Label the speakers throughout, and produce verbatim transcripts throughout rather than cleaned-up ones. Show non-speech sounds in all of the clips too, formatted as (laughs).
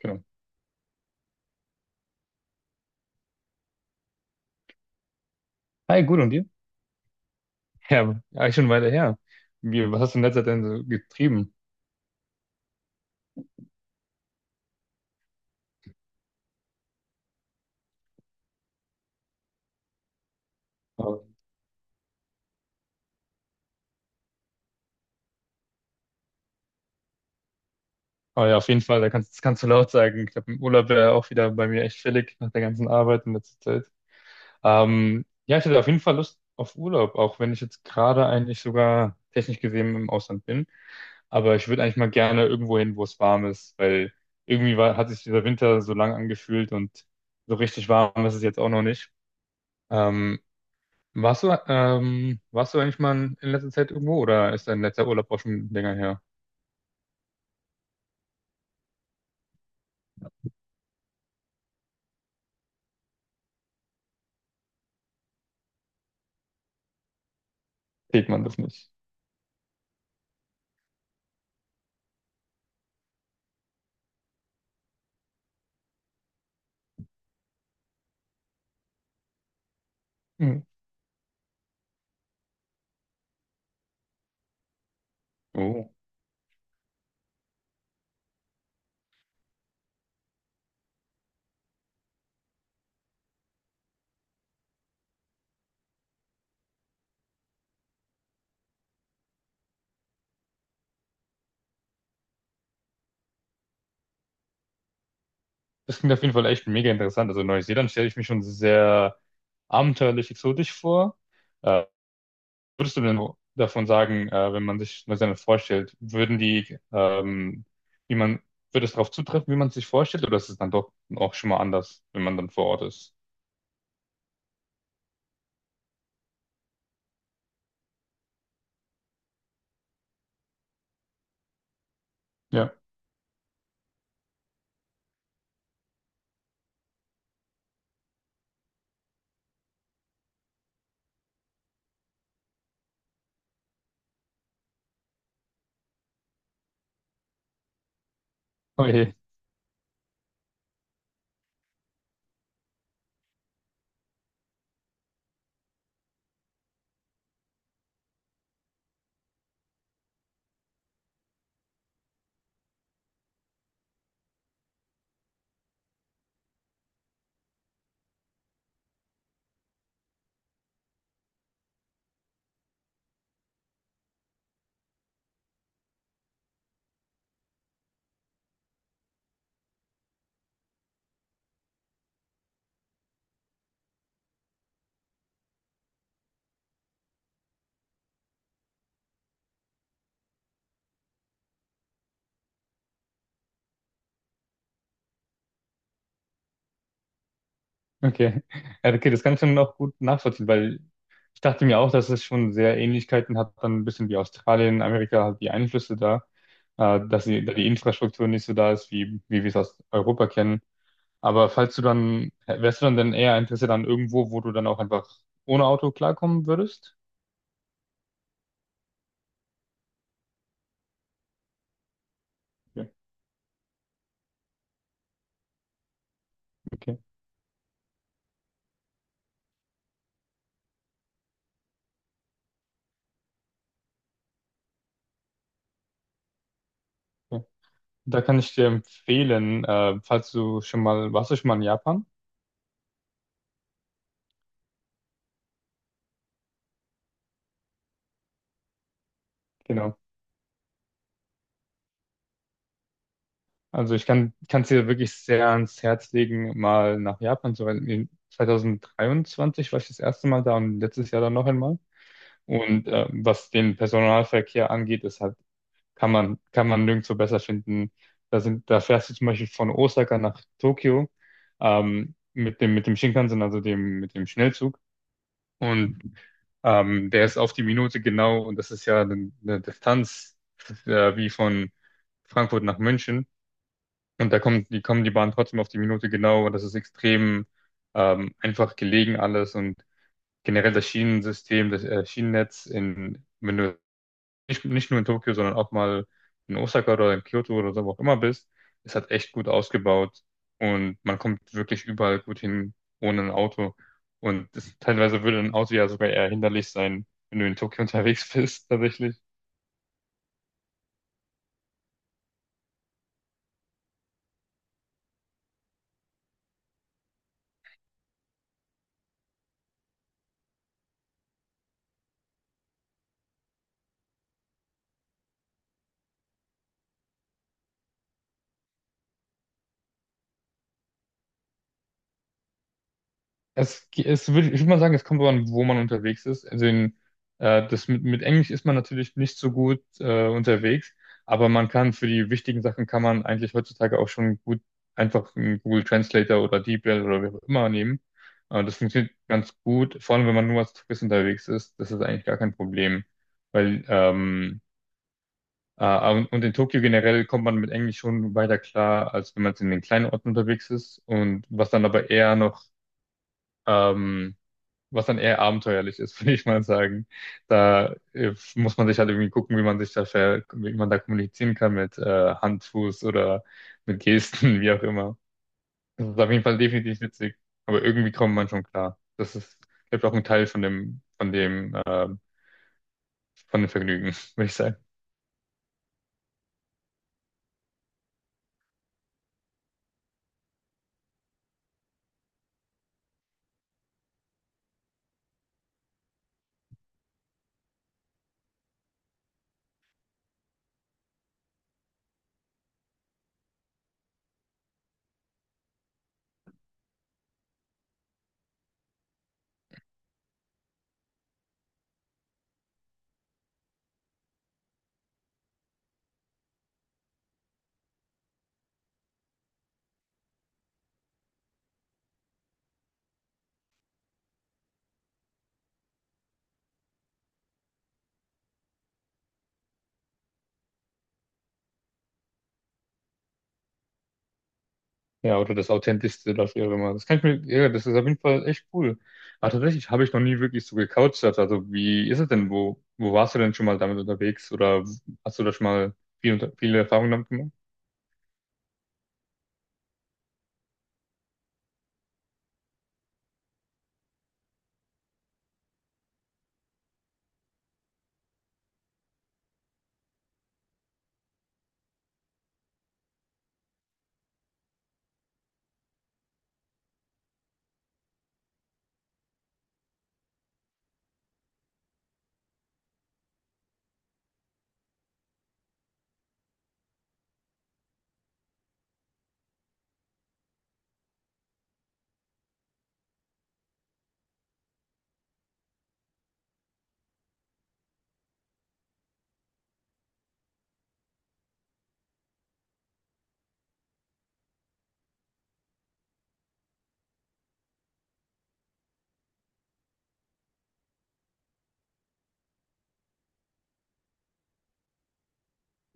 Speaker 1: Genau. Hi, gut, und dir? Ja, eigentlich schon weiter her. Wie, was hast du in letzter Zeit denn so getrieben? Aber, aber ja, auf jeden Fall, da kannst, das kannst du laut sagen. Ich glaube, im Urlaub wäre auch wieder bei mir echt fällig nach der ganzen Arbeit in letzter Zeit. Ähm, ja, ich hätte auf jeden Fall Lust auf Urlaub, auch wenn ich jetzt gerade eigentlich sogar technisch gesehen im Ausland bin. Aber ich würde eigentlich mal gerne irgendwo hin, wo es warm ist, weil irgendwie war, hat sich dieser Winter so lang angefühlt und so richtig warm ist es jetzt auch noch nicht. Ähm, Warst du, ähm, warst du eigentlich mal in letzter Zeit irgendwo oder ist dein letzter Urlaub auch schon länger her? Sieht man das nicht? Mhm. Oh. Das klingt auf jeden Fall echt mega interessant. Also Neuseeland stelle ich mir schon sehr abenteuerlich exotisch vor. Äh, Würdest du denn davon sagen, äh, wenn man sich Neuseeland vorstellt, würden die, ähm, wie man, würde es darauf zutreffen, wie man es sich vorstellt, oder ist es dann doch auch schon mal anders, wenn man dann vor Ort ist? Ja. Okay. Okay. (laughs) Ja, okay, das kann ich dann auch gut nachvollziehen, weil ich dachte mir auch, dass es schon sehr Ähnlichkeiten hat, dann ein bisschen wie Australien, Amerika, halt die Einflüsse da, äh, dass die, da die Infrastruktur nicht so da ist, wie, wie wir es aus Europa kennen. Aber falls du dann, wärst du dann denn eher interessiert an irgendwo, wo du dann auch einfach ohne Auto klarkommen würdest? Ja. Okay, ja. Da kann ich dir empfehlen, äh, falls du schon mal, warst du schon mal in Japan? Genau. Also ich kann es dir wirklich sehr ans Herz legen, mal nach Japan zu reisen. In zweitausenddreiundzwanzig war ich das erste Mal da und letztes Jahr dann noch einmal. Und äh, was den Personalverkehr angeht, ist halt, kann man, kann man nirgendwo besser finden. Da sind, da fährst du zum Beispiel von Osaka nach Tokio ähm, mit dem, mit dem Shinkansen, also dem, mit dem Schnellzug. Und ähm, der ist auf die Minute genau und das ist ja eine, eine Distanz äh, wie von Frankfurt nach München. Und da kommt, die kommen die Bahn trotzdem auf die Minute genau und das ist extrem ähm, einfach gelegen alles und generell das Schienensystem, das äh, Schienennetz in, wenn du nicht, nicht nur in Tokio, sondern auch mal in Osaka oder in Kyoto oder so, wo auch immer bist, ist halt echt gut ausgebaut und man kommt wirklich überall gut hin ohne ein Auto. Und das, teilweise würde ein Auto ja sogar eher hinderlich sein, wenn du in Tokio (laughs) unterwegs bist, tatsächlich. Es, ge- es würde, Ich würde mal sagen, es kommt darauf an, wo man unterwegs ist. Also in, äh, das mit, mit Englisch ist man natürlich nicht so gut äh, unterwegs, aber man kann für die wichtigen Sachen kann man eigentlich heutzutage auch schon gut einfach einen Google Translator oder DeepL oder wie auch immer nehmen. Äh, das funktioniert ganz gut, vor allem wenn man nur als Tourist unterwegs ist, das ist eigentlich gar kein Problem. Weil ähm, äh, und, und in Tokio generell kommt man mit Englisch schon weiter klar, als wenn man jetzt in den kleinen Orten unterwegs ist. Und was dann aber eher noch ähm, was dann eher abenteuerlich ist, (laughs) würde ich mal sagen. Da äh, muss man sich halt irgendwie gucken, wie man sich da ver wie man da kommunizieren kann mit äh, Hand, Fuß oder mit Gesten, (laughs) wie auch immer. Das ist auf jeden Fall definitiv witzig, aber irgendwie kommt man schon klar. Das ist, glaube ich, auch ein Teil von dem, von dem, äh, von dem Vergnügen, (laughs) würde ich sagen. Ja, oder das Authentischste, das wäre mal. Das kann ich mir, ja, das ist auf jeden Fall echt cool. Aber tatsächlich habe ich noch nie wirklich so gecouchsurft. Also wie ist es denn? Wo, wo warst du denn schon mal damit unterwegs? Oder hast du da schon mal viel, unter- viele Erfahrungen damit gemacht?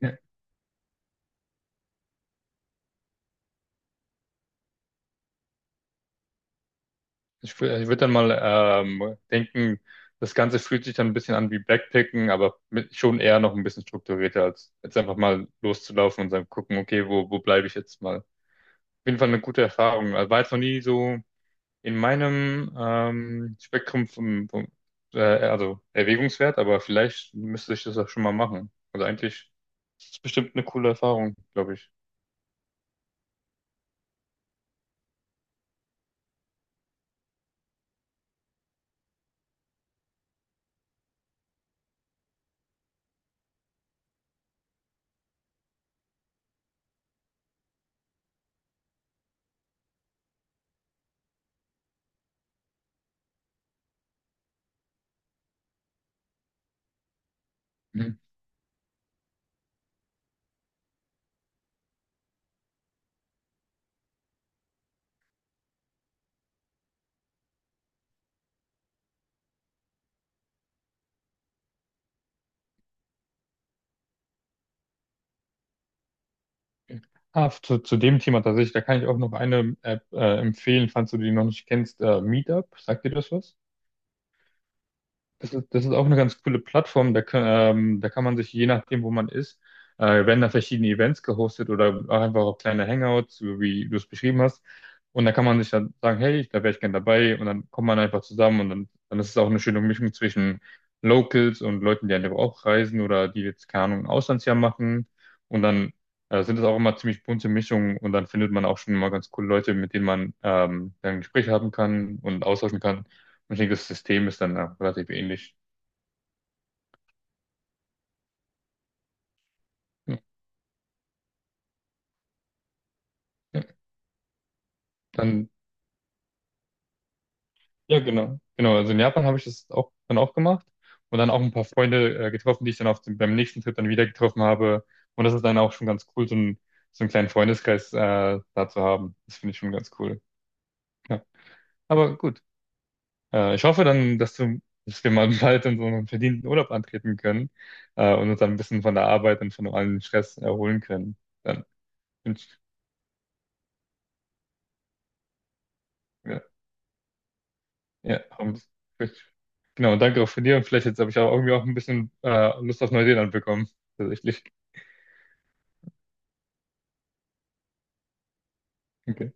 Speaker 1: Ja. Ich, wür- ich würde dann mal ähm, denken, das Ganze fühlt sich dann ein bisschen an wie Backpacken, aber mit, schon eher noch ein bisschen strukturierter, als jetzt einfach mal loszulaufen und dann gucken, okay, wo, wo bleibe ich jetzt mal? Auf jeden Fall eine gute Erfahrung. Also war jetzt noch nie so. In meinem ähm, Spektrum vom, vom äh, also Erwägungswert, aber vielleicht müsste ich das auch schon mal machen. Also eigentlich ist es bestimmt eine coole Erfahrung, glaube ich. Mhm. Ah, zu, zu dem Thema tatsächlich, da kann ich auch noch eine App äh, empfehlen, falls du die noch nicht kennst. Äh, Meetup, sagt dir das was? Das ist, das ist auch eine ganz coole Plattform. Da kann, ähm, da kann man sich, je nachdem, wo man ist, äh, werden da verschiedene Events gehostet oder auch einfach auch kleine Hangouts, so wie du es beschrieben hast. Und da kann man sich dann sagen, hey, da wäre ich gern dabei. Und dann kommt man einfach zusammen und dann, dann ist es auch eine schöne Mischung zwischen Locals und Leuten, die einfach auch reisen oder die jetzt, keine Ahnung, ein Auslandsjahr machen. Und dann äh, sind es auch immer ziemlich bunte Mischungen und dann findet man auch schon mal ganz coole Leute, mit denen man ähm, dann Gespräche haben kann und austauschen kann. Ich denke, das System ist dann auch relativ ähnlich. Ja, ja. dann, ja, genau. Genau, also in Japan habe ich das auch, dann auch gemacht und dann auch ein paar Freunde äh, getroffen, die ich dann auf dem, beim nächsten Trip dann wieder getroffen habe. Und das ist dann auch schon ganz cool, so, ein, so einen kleinen Freundeskreis äh, da zu haben. Das finde ich schon ganz cool. Ja, aber gut. Äh, ich hoffe dann, dass du, dass wir mal (laughs) bald in so einen verdienten Urlaub antreten können äh, und uns dann ein bisschen von der Arbeit und von allem Stress erholen können. Dann wünsche ich Ja, haben, genau, danke auch von dir. Und vielleicht jetzt habe ich auch irgendwie auch ein bisschen äh, Lust auf Neuseeland bekommen. Tatsächlich. Okay,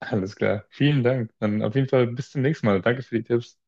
Speaker 1: alles klar. Vielen Dank. Dann auf jeden Fall bis zum nächsten Mal. Danke für die Tipps.